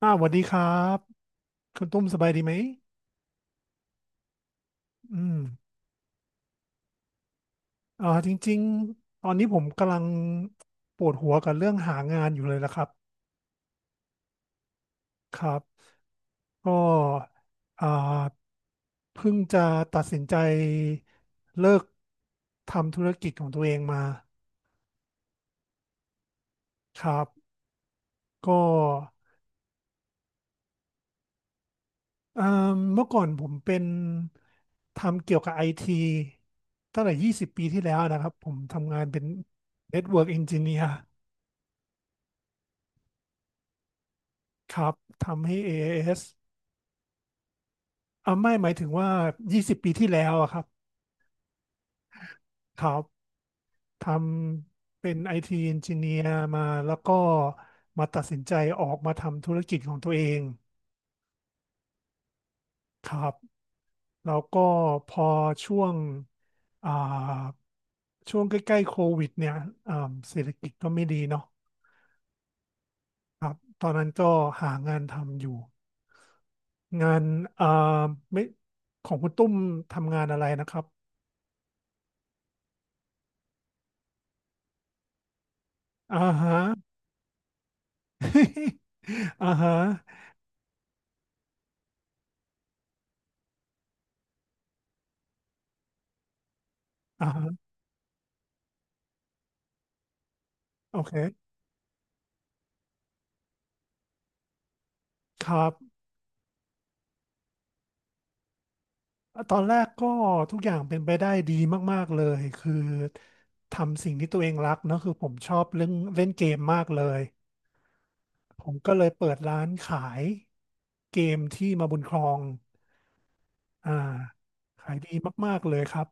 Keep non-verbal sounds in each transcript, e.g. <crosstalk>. สวัสดีครับคุณตุ้มสบายดีไหมอืมจริงๆตอนนี้ผมกำลังปวดหัวกับเรื่องหางานอยู่เลยละครับครับก็อ่าเพิ่งจะตัดสินใจเลิกทำธุรกิจของตัวเองมาครับก็อ่าเมื่อก่อนผมเป็นทำเกี่ยวกับไอทีตั้งแต่20ปีที่แล้วนะครับผมทำงานเป็น Network Engineer ครับทำให้ a a s อเอสไม่หมายถึงว่า20ปีที่แล้วอะครับครับทำเป็น IT Engineer มาแล้วก็มาตัดสินใจออกมาทำธุรกิจของตัวเองครับแล้วก็พอช่วงอ่าช่วงใกล้ๆโควิดเนี่ยเศรษฐกิจก็ไม่ดีเนาะตอนนั้นก็หางานทำอยู่งานอ่าไม่ของคุณตุ้มทำงานอะไรนะครับอ่าฮะ <laughs> อ่าฮะ อ่าฮะโอเคครับตอนแรกก็ทุกอย่างเป็นไปได้ดีมากๆเลยคือทำสิ่งที่ตัวเองรักเนอะคือผมชอบเรื่องเล่นเกมมากเลยผมก็เลยเปิดร้านขายเกมที่มาบุญครองอ่าขายดีมากๆเลยครับ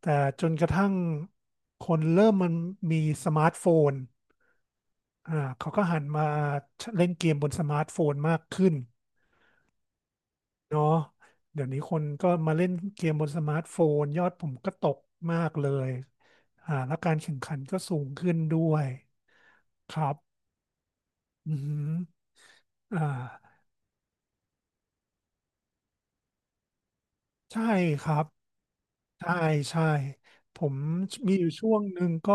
แต่จนกระทั่งคนเริ่มมันมีสมาร์ทโฟนเขาก็หันมาเล่นเกมบนสมาร์ทโฟนมากขึ้น เนาะเดี๋ยวนี้คนก็มาเล่นเกมบนสมาร์ทโฟนยอดผมก็ตกมากเลยแล้วการแข่งขันก็สูงขึ้นด้วยครับอือหืออ่าใช่ครับใช่ใช่ผมมีอยู่ช่วงหนึ่งก็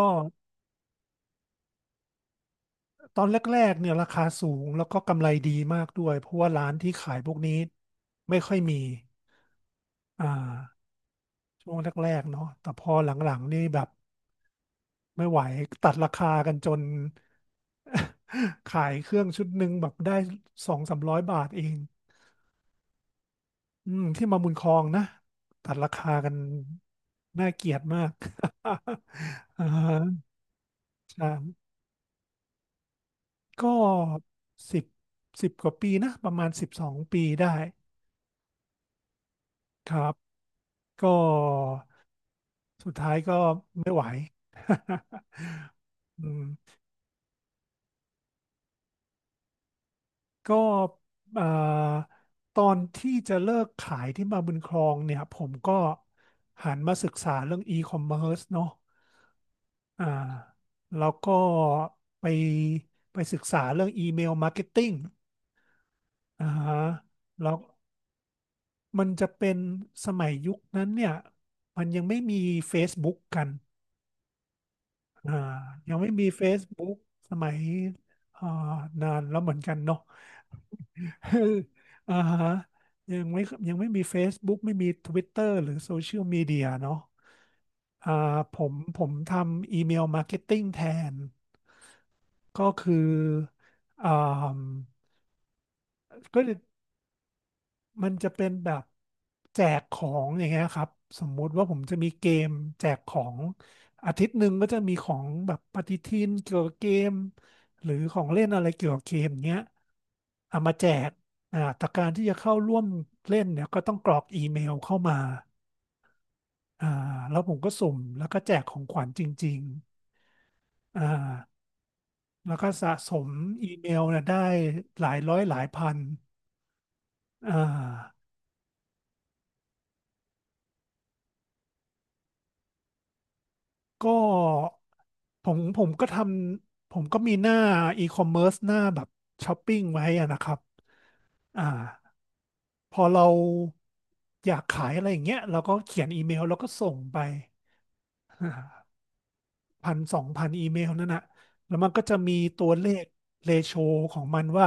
ตอนแรกๆเนี่ยราคาสูงแล้วก็กำไรดีมากด้วยเพราะว่าร้านที่ขายพวกนี้ไม่ค่อยมีอ่าช่วงแรกๆเนาะแต่พอหลังๆนี่แบบ ไม่ไหวตัดราคากันจน <laughs> ขายเครื่องชุดหนึ่งแบบได้สองสามร้อยบาทเองอืมที่มาบุญครองนะตัดราคากันน่าเกลียดมาก <laughs> อ่าใช่ก็สิบสิบกว่าปีนะประมาณสิบสองปีได้ครับก็สุดท้ายก็ไม่ไหว <laughs> อืม ก็เอ่อตอนที่จะเลิกขายที่มาบุญครองเนี่ยผมก็หันมาศึกษาเรื่อง e-commerce เนาะอ่าแล้วก็ไปไปศึกษาเรื่อง email marketing อ่าฮะแล้วมันจะเป็นสมัยยุคนั้นเนี่ยมันยังไม่มี Facebook กันอ่ายังไม่มี Facebook สมัยอ่านานแล้วเหมือนกันเนาะ <laughs> อ่าฮะยังไม่ยังไม่มี Facebook ไม่มี Twitter หรือโซเชียลมีเดียเนาะอ่าผมทำอีเมลมาร์เก็ตติ้งแทนก็คืออ่าก็ มันจะเป็นแบบแจกของอย่างเงี้ยครับสมมุติว่าผมจะมีเกมแจกของอาทิตย์หนึ่งก็จะมีของแบบปฏิทินเกี่ยวกับเกมหรือของเล่นอะไรเกี่ยวกับเกมเงี้ยเอามาแจกแต่การที่จะเข้าร่วมเล่นเนี่ยก็ต้องกรอกอีเมลเข้ามาอ่าแล้วผมก็สุ่มแล้วก็แจกของขวัญจริงๆแล้วก็สะสมอีเมลเนี่ยได้หลายร้อยหลายพันอ่า ก็ผมผมก็ทผมก็มีหน้าอีคอมเมิร์ซหน้าแบบช้อปปิ้งไว้อะนะครับอ่าพอเราอยากขายอะไรอย่างเงี้ยเราก็เขียนอีเมลแล้วก็ส่งไปพันสองพันอีเมลนั่นน่ะแล้วมันก็จะมีตัวเลขเรโชของมันว่า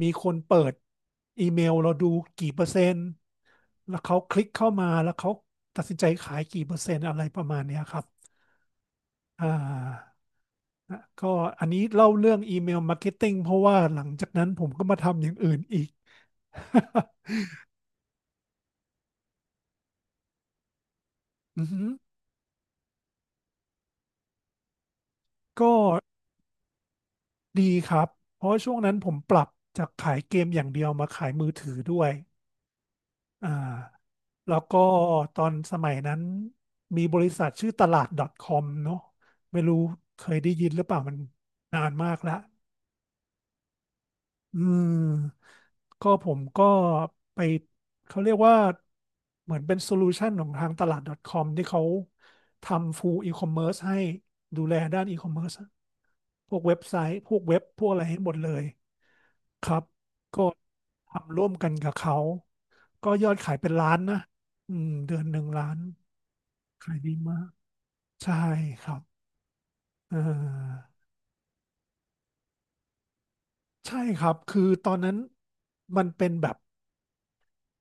มีคนเปิดอีเมลเราดูกี่เปอร์เซ็นต์แล้วเขาคลิกเข้ามาแล้วเขาตัดสินใจขายกี่เปอร์เซ็นต์อะไรประมาณเนี้ยครับอ่า ก็อันนี้เล่าเรื่องอีเมลมาร์เก็ตติ้งเพราะว่าหลังจากนั้นผมก็มาทำอย่างอื่นอีก <laughs> อือฮึก็ดีครับเพราะช่วงนั้นผมปรับจากขายเกมอย่างเดียวมาขายมือถือด้วยอ่าแล้วก็ตอนสมัยนั้นมีบริษัทชื่อตลาด .com เนอะไม่รู้เคยได้ยินหรือเปล่ามันนานมากแล้ว อืมก็ผมก็ไปเขาเรียกว่าเหมือนเป็นโซลูชันของทางตลาด .com ที่เขาทำ full e-commerce ให้ดูแลด้าน e-commerce พวกเว็บไซต์พวกเว็บพวกอะไรให้หมดเลยครับก็ทำร่วมกันกับเขาก็ยอดขายเป็นล้านนะเดือนหนึ่งล้านขายดีมากใช่ครับเออใช่ครับคือตอนนั้นมันเป็นแบบ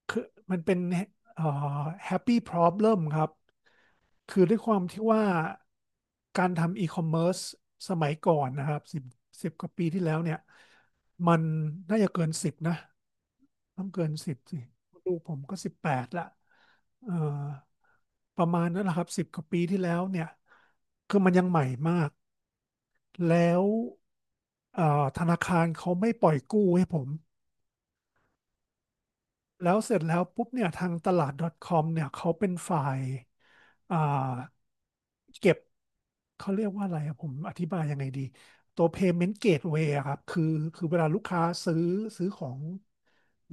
คือมันเป็นเอ่อ happy problem ครับคือด้วยความที่ว่าการทำ e-commerce สมัยก่อนนะครับสิบกว่าปีที่แล้วเนี่ยมันน่าจะเกินสิบนะต้องเกินสิบสิลูกผมก็สิบแปดละเอ่อประมาณนั้นแหละครับสิบกว่าปีที่แล้วเนี่ยคือมันยังใหม่มากแล้วธนาคารเขาไม่ปล่อยกู้ให้ผม แล้วเสร็จแล้วปุ๊บเนี่ยทางตลาด .com เนี่ยเขาเป็นฝ่ายอ่าเก็บเขาเรียกว่าอะไรอะผมอธิบายยังไงดีตัว payment gateway อะครับคือเวลาลูกค้าซื้อของ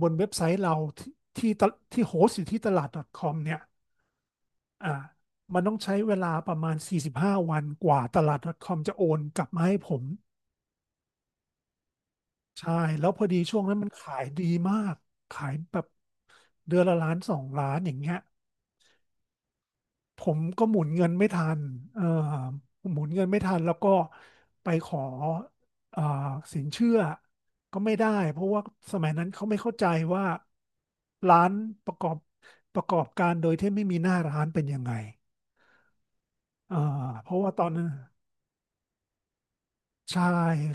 บนเว็บไซต์เราที่ที่ตะที่โฮสต์อยู่ที่ตลาด .com เนี่ยอ่ามันต้องใช้เวลาประมาณ45วันกว่าตลาด .com จะโอนกลับมาให้ผมใช่แล้วพอดีช่วงนั้นมันขายดีมากขายแบบเดือนละล้านสองล้านอย่างเงี้ย ผมก็หมุนเงินไม่ทันเออหมุนเงินไม่ทันแล้วก็ไปขอเอ่อสินเชื่อก็ไม่ได้เพราะว่าสมัยนั้นเขาไม่เข้าใจว่าร้านประกอบประกอบการโดยที่ไม่มีหน้าร้านเป็นยังไงเอ่อเพราะว่าตอนนั้นใช่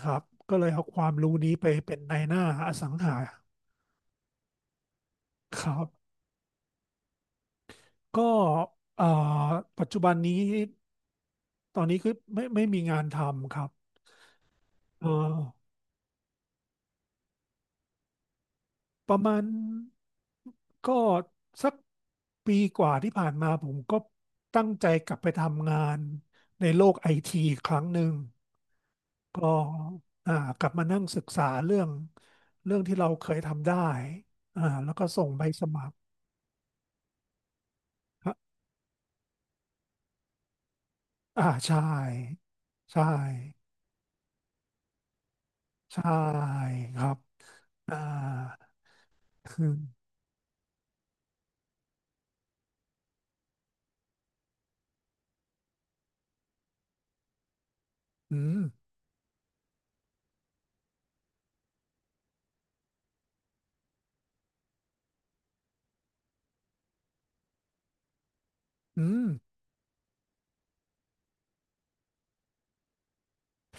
ครับก็เลยเอาความรู้นี้ไปเป็นนายหน้าอสังหาครับก็เอ่อปัจจุบันนี้ตอนนี้คือไม่มีงานทำครับเออ ประมาณก็สักปีกว่าที่ผ่านมาผมก็ตั้งใจกลับไปทำงานในโลกไอทีกครั้งหนึ่งก็อ่ากลับมานั่งศึกษาเรื่องที่เราเคยทำได้แล้วก็ส่งใบสมัครฮะอ่าใช่ใช่ใช่ครับอ่าคืออืมอืม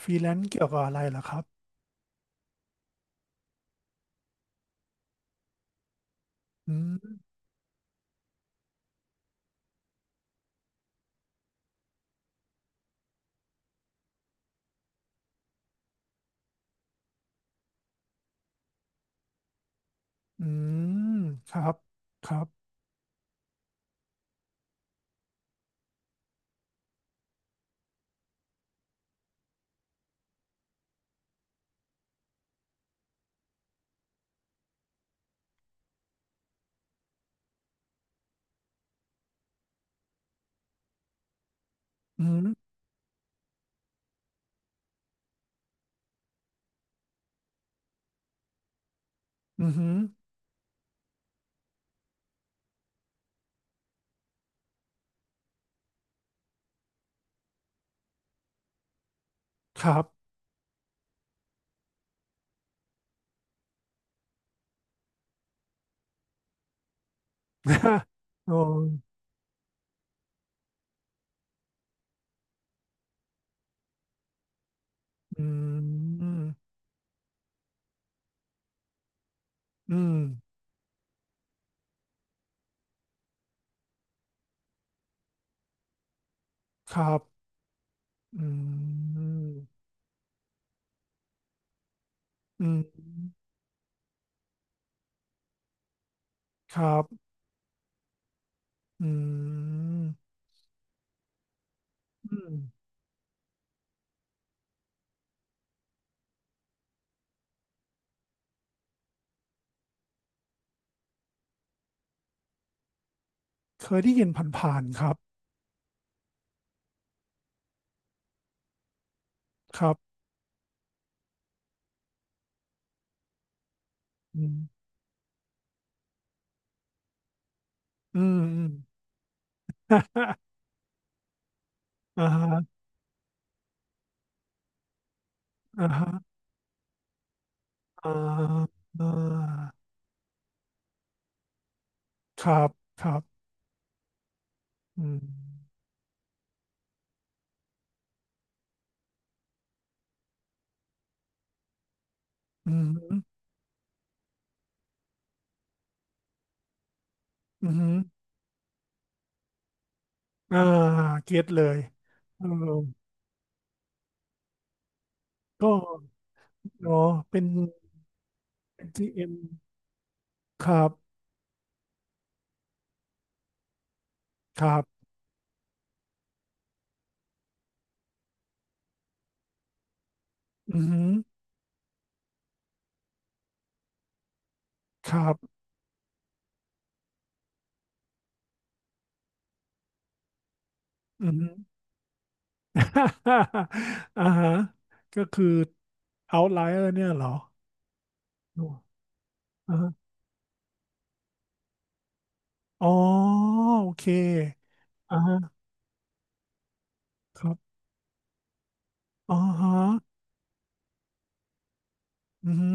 ฟรีแลนซ์เกี่ยวกับอะไรเหรอครับอืมอืมครับครับอืม อือหือครับ <laughs> โอ้อืมอืมครับอืมอืมครับอืมอืมเคยได้ยินผ่านๆครับครับอืมอืมอืมอ่าอ่าฮะอ่าฮะอ่าอ่าครับครับอืมอืมอืมอ่าเก็ตเลยเออก็เนาะเป็นจีเอ็มครับครับอืม ครับอืม <laughs> อ่าฮะก็คือ outlier เนี่ยเหรอดูอ่าฮะอ๋อโอเคอ่าฮะครับอ๋อฮะอืม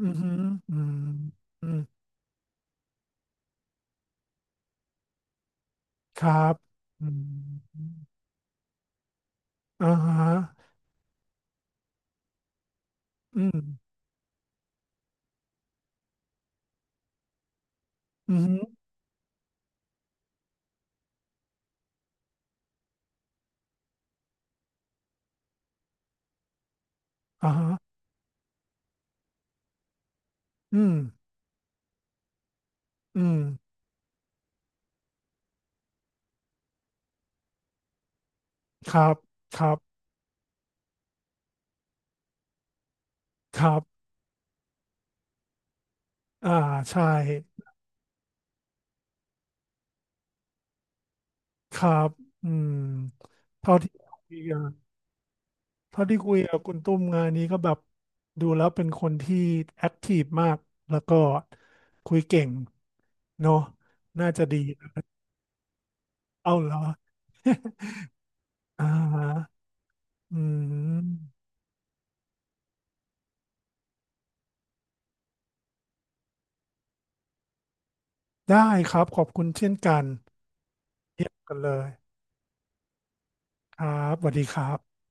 อหืมออืมอืมครับอืมอ่าฮะอืมอืมอ่าฮะอืมอืมครับ ครับ ครับ อ่า ใช่ ครับอืมเท่าที่คุยกัน เท่าที่คุยกับคุณตุ้มงานนี้ก็แบบดูแล้วเป็นคนที่แอคทีฟมากแล้วก็คุยเก่งเนาะน่าจะดีนะเอาเหรอ <laughs> อ่าอืมได้ครับขอบคุณเช่นกันเยี่ยมกันเลยครับสวัสดีครับ